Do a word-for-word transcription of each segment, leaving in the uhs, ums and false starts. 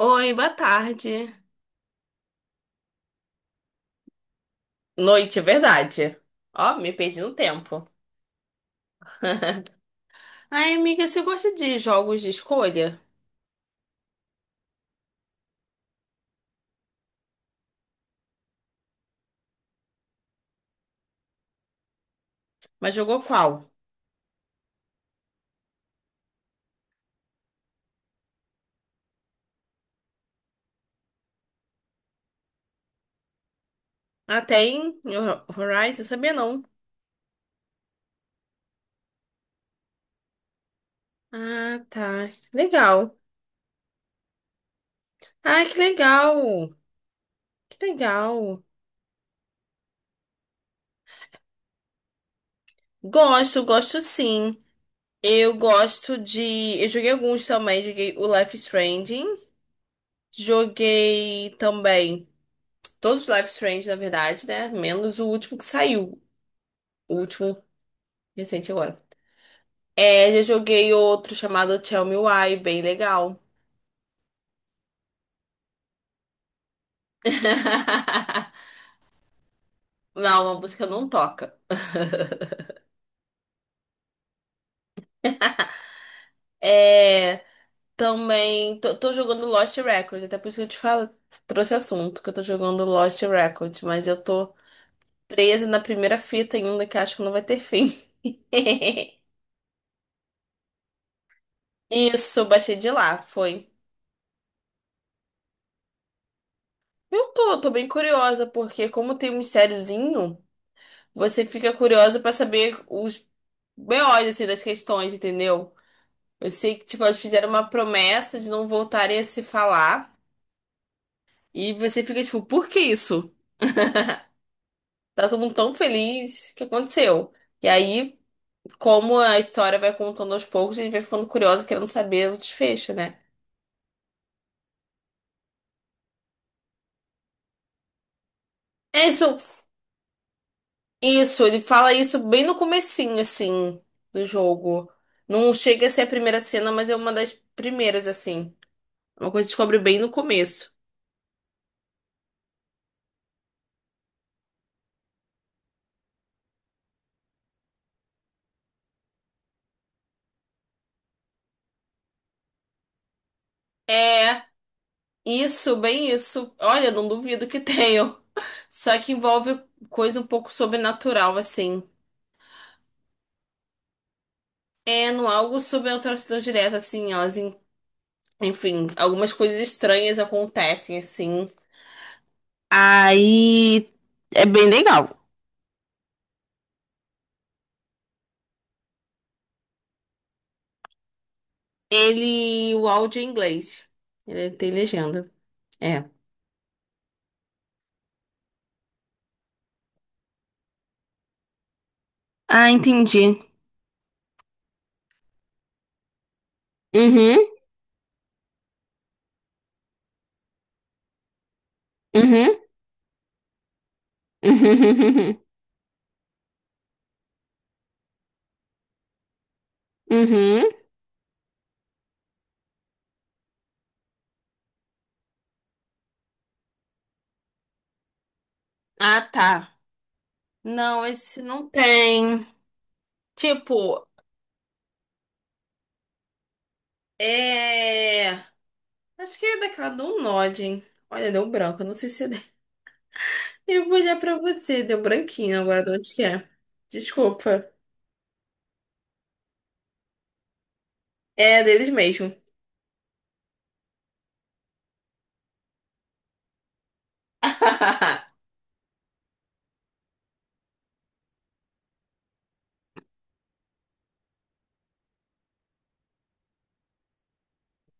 Oi, boa tarde. Noite, é verdade. Ó, me perdi no tempo. Ai, amiga, você gosta de jogos de escolha? Mas jogou qual? Ah, tem Horizon, sabia não? Ah, tá. Legal. Ah, que legal. Que legal. Gosto, gosto sim. Eu gosto de. Eu joguei alguns também. Joguei o Life is Strange. Joguei também. Todos os Life is Strange, na verdade, né? Menos o último que saiu. O último recente agora. É, já joguei outro chamado Tell Me Why, bem legal. Não, a música não toca. É, também tô, tô jogando Lost Records, até por isso que eu te falo, trouxe assunto que eu tô jogando Lost Records, mas eu tô presa na primeira fita ainda que acho que não vai ter fim. Isso, eu baixei de lá, foi. Eu tô, tô bem curiosa, porque como tem um mistériozinho, você fica curiosa pra saber os B Os, assim, das questões, entendeu? Eu sei que, tipo, elas fizeram uma promessa de não voltarem a se falar. E você fica, tipo, por que isso? Tá todo mundo tão feliz. O que aconteceu? E aí, como a história vai contando aos poucos, a gente vai ficando curioso, querendo saber o desfecho, né? É isso. Isso, ele fala isso bem no comecinho, assim, do jogo. Não chega a ser a primeira cena, mas é uma das primeiras, assim. Uma coisa que descobre bem no começo. É isso, bem isso. Olha, não duvido que tenham. Só que envolve coisa um pouco sobrenatural, assim. É, não algo sobrenatural a atrocidade direta, assim. Elas, en- enfim, algumas coisas estranhas acontecem, assim. Aí é bem legal. Ele, o áudio é em inglês. Ele é, tem legenda. É. Ah, entendi. Uhum, uhum, uhum, uhum, uhum. Ah, tá. Não, esse não tem. Tipo, é. Acho que é daquela do Nod, hein? Olha, deu branco. Não sei se é. de- Eu vou olhar pra você. Deu branquinho agora de onde que é. Desculpa. É deles mesmo.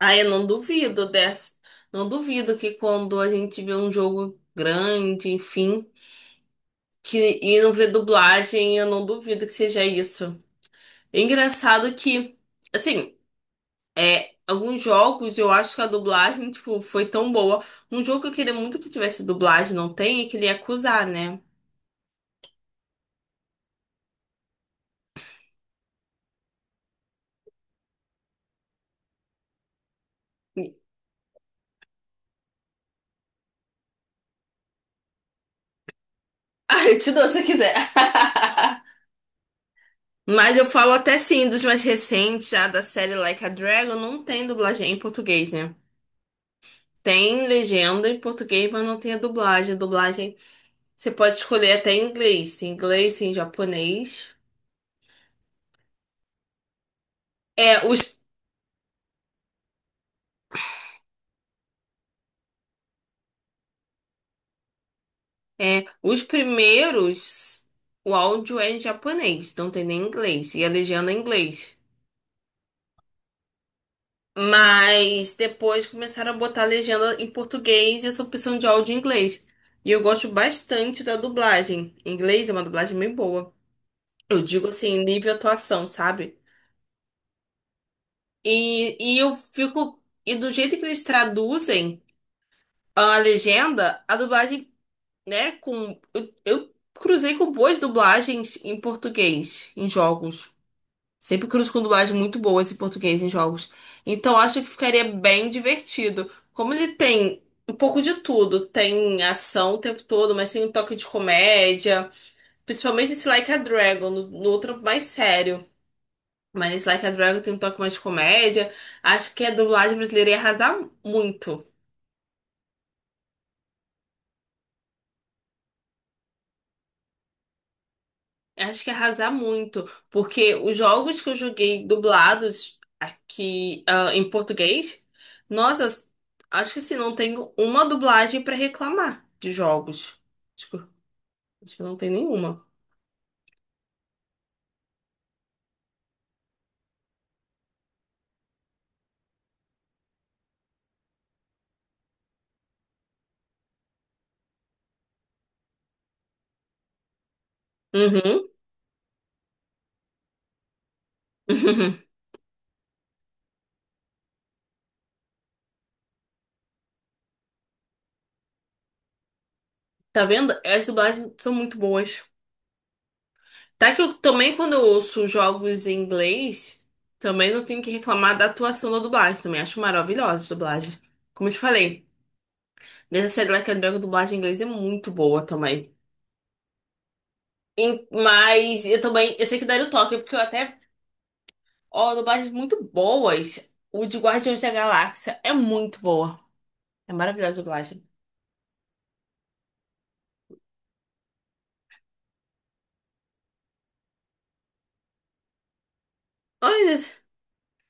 Ah, eu não duvido dessa. Não duvido que quando a gente vê um jogo grande, enfim, que e não vê dublagem, eu não duvido que seja isso. É engraçado que, assim. Alguns jogos eu acho que a dublagem, tipo, foi tão boa. Um jogo que eu queria muito que tivesse dublagem, não tem, é que ele ia acusar, né? Ah, eu te dou se eu quiser. Mas eu falo até sim, dos mais recentes, já da série Like a Dragon, não tem dublagem em português, né? Tem legenda em português, mas não tem a dublagem. A dublagem você pode escolher até em inglês. Tem inglês, tem japonês. É, os, é, os primeiros, o áudio é em japonês, não tem nem inglês. E a legenda é em inglês. Mas depois começaram a botar a legenda em português e essa opção de áudio em inglês. E eu gosto bastante da dublagem. Em inglês é uma dublagem bem boa. Eu digo assim, nível atuação, sabe? E, e eu fico. E do jeito que eles traduzem a legenda, a dublagem, né? Com, eu, eu cruzei com boas dublagens em português, em jogos. Sempre cruzo com dublagem muito boa esse português em jogos. Então acho que ficaria bem divertido. Como ele tem um pouco de tudo, tem ação o tempo todo, mas tem um toque de comédia, principalmente esse Like a Dragon, no, no outro mais sério. Mas esse Like a Dragon tem um toque mais de comédia. Acho que a dublagem brasileira ia arrasar muito. Acho que arrasar muito, porque os jogos que eu joguei dublados aqui, ah, em português, nossa, acho que assim, não tenho uma dublagem pra reclamar de jogos. Acho que, acho que não tem nenhuma. Uhum. Tá vendo? As dublagens são muito boas. Tá que eu também, quando eu ouço jogos em inglês, também não tenho que reclamar da atuação da dublagem. Também acho maravilhosa a dublagem. Como eu te falei, nessa série Like a Dragon, a dublagem em inglês é muito boa também. Em- Mas eu também, eu sei que daria o toque, porque eu até, ó, dublagens muito boas. O de Guardiões da Galáxia é muito boa. É maravilhosa a dublagem. Olha,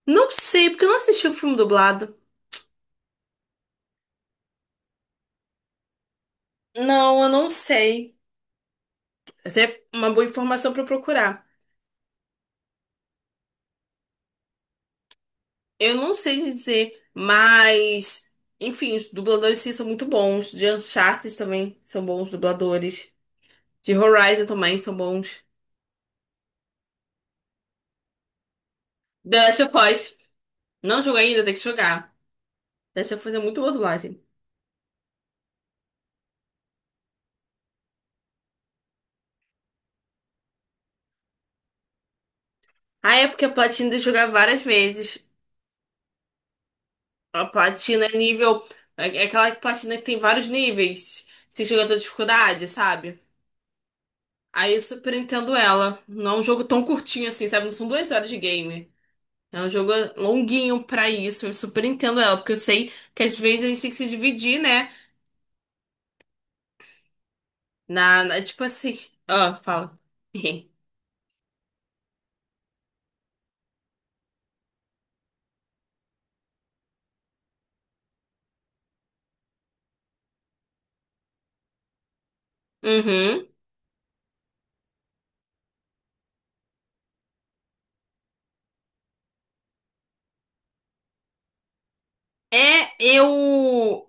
não sei, porque eu não assisti o filme dublado. Não, eu não sei. Até uma boa informação pra eu procurar. Eu não sei dizer, mas, enfim, os dubladores sim são muito bons. De Uncharted também são bons dubladores. De Horizon também são bons. The Last of Us. Não joguei ainda, tem que jogar. The Last of Us é muito boa dublagem. Ah, é porque a platina de jogar várias vezes. A platina é nível. É é aquela platina que tem vários níveis. Você joga toda dificuldade, sabe? Aí eu super entendo ela. Não é um jogo tão curtinho assim, sabe? Não são duas horas de game. É um jogo longuinho pra isso. Eu super entendo ela, porque eu sei que às vezes a gente tem que se dividir, né? Na, na- tipo assim. Ah, fala. Uhum. É, eu.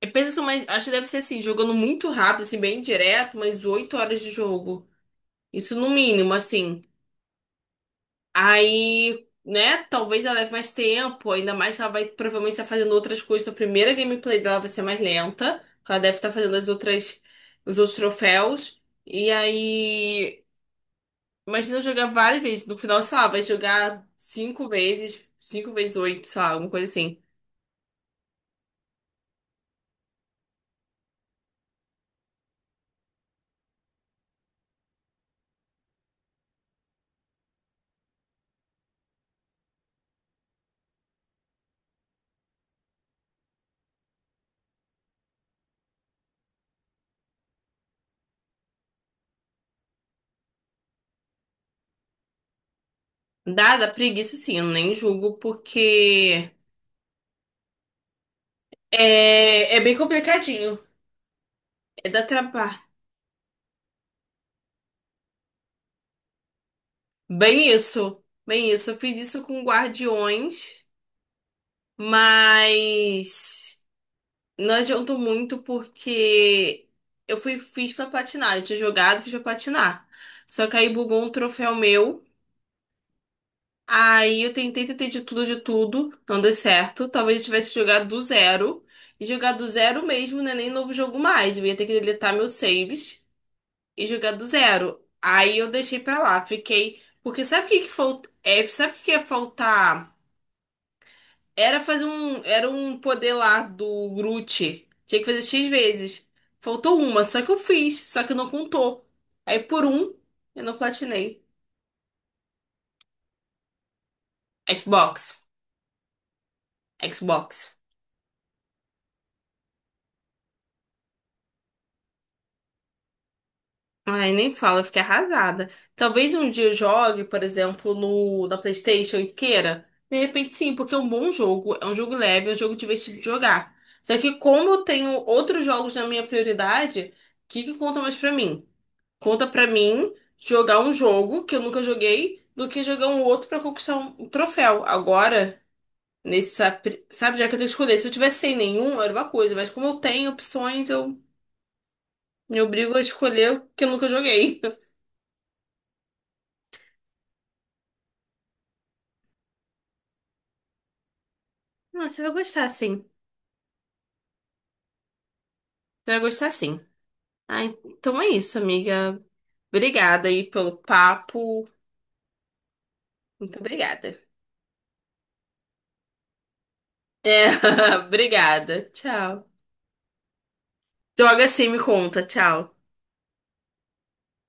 Eu penso, mas acho que deve ser assim, jogando muito rápido, assim, bem direto, mas oito horas de jogo. Isso no mínimo, assim. Aí, né, talvez ela leve mais tempo, ainda mais que ela vai provavelmente estar fazendo outras coisas. A primeira gameplay dela vai ser mais lenta, porque ela deve estar fazendo as outras, os outros troféus. E aí, imagina eu jogar várias vezes. No final, sei lá, vai jogar cinco vezes, cinco vezes oito, sei lá, alguma coisa assim. Dada a preguiça, sim, eu nem julgo, porque é, é bem complicadinho. É da trabalho. Bem isso. Bem isso. Eu fiz isso com Guardiões. Mas não adiantou muito porque eu fui, fiz pra platinar. Eu tinha jogado, fiz pra platinar. Só que aí bugou um troféu meu. Aí eu tentei, tentei de tudo, de tudo. Não deu certo. Talvez eu tivesse jogado do zero. E jogar do zero mesmo, né? Nem novo jogo mais. Eu ia ter que deletar meus saves e jogar do zero. Aí eu deixei pra lá. Fiquei. Porque sabe o que que falta? É, sabe o que que é faltar? Era fazer um. Era um poder lá do Groot. Tinha que fazer xis vezes. Faltou uma, só que eu fiz, só que não contou. Aí por um, eu não platinei. Xbox. Xbox. Ai, nem fala, eu fiquei arrasada. Talvez um dia eu jogue, por exemplo, no, na PlayStation e queira. De repente, sim, porque é um bom jogo, é um jogo leve, é um jogo divertido de jogar. Só que, como eu tenho outros jogos na minha prioridade, o que que conta mais pra mim? Conta pra mim jogar um jogo que eu nunca joguei do que jogar um outro pra conquistar um um troféu. Agora, nesse, sabe, sabe, já que eu tenho que escolher. Se eu tivesse sem nenhum, era uma coisa, mas como eu tenho opções, eu me obrigo a escolher o que eu nunca joguei. Ah, você vai gostar, sim. Você vai gostar, sim. Ah, então é isso, amiga. Obrigada aí pelo papo. Muito obrigada. É, obrigada. Tchau. Droga, sim, me conta. Tchau.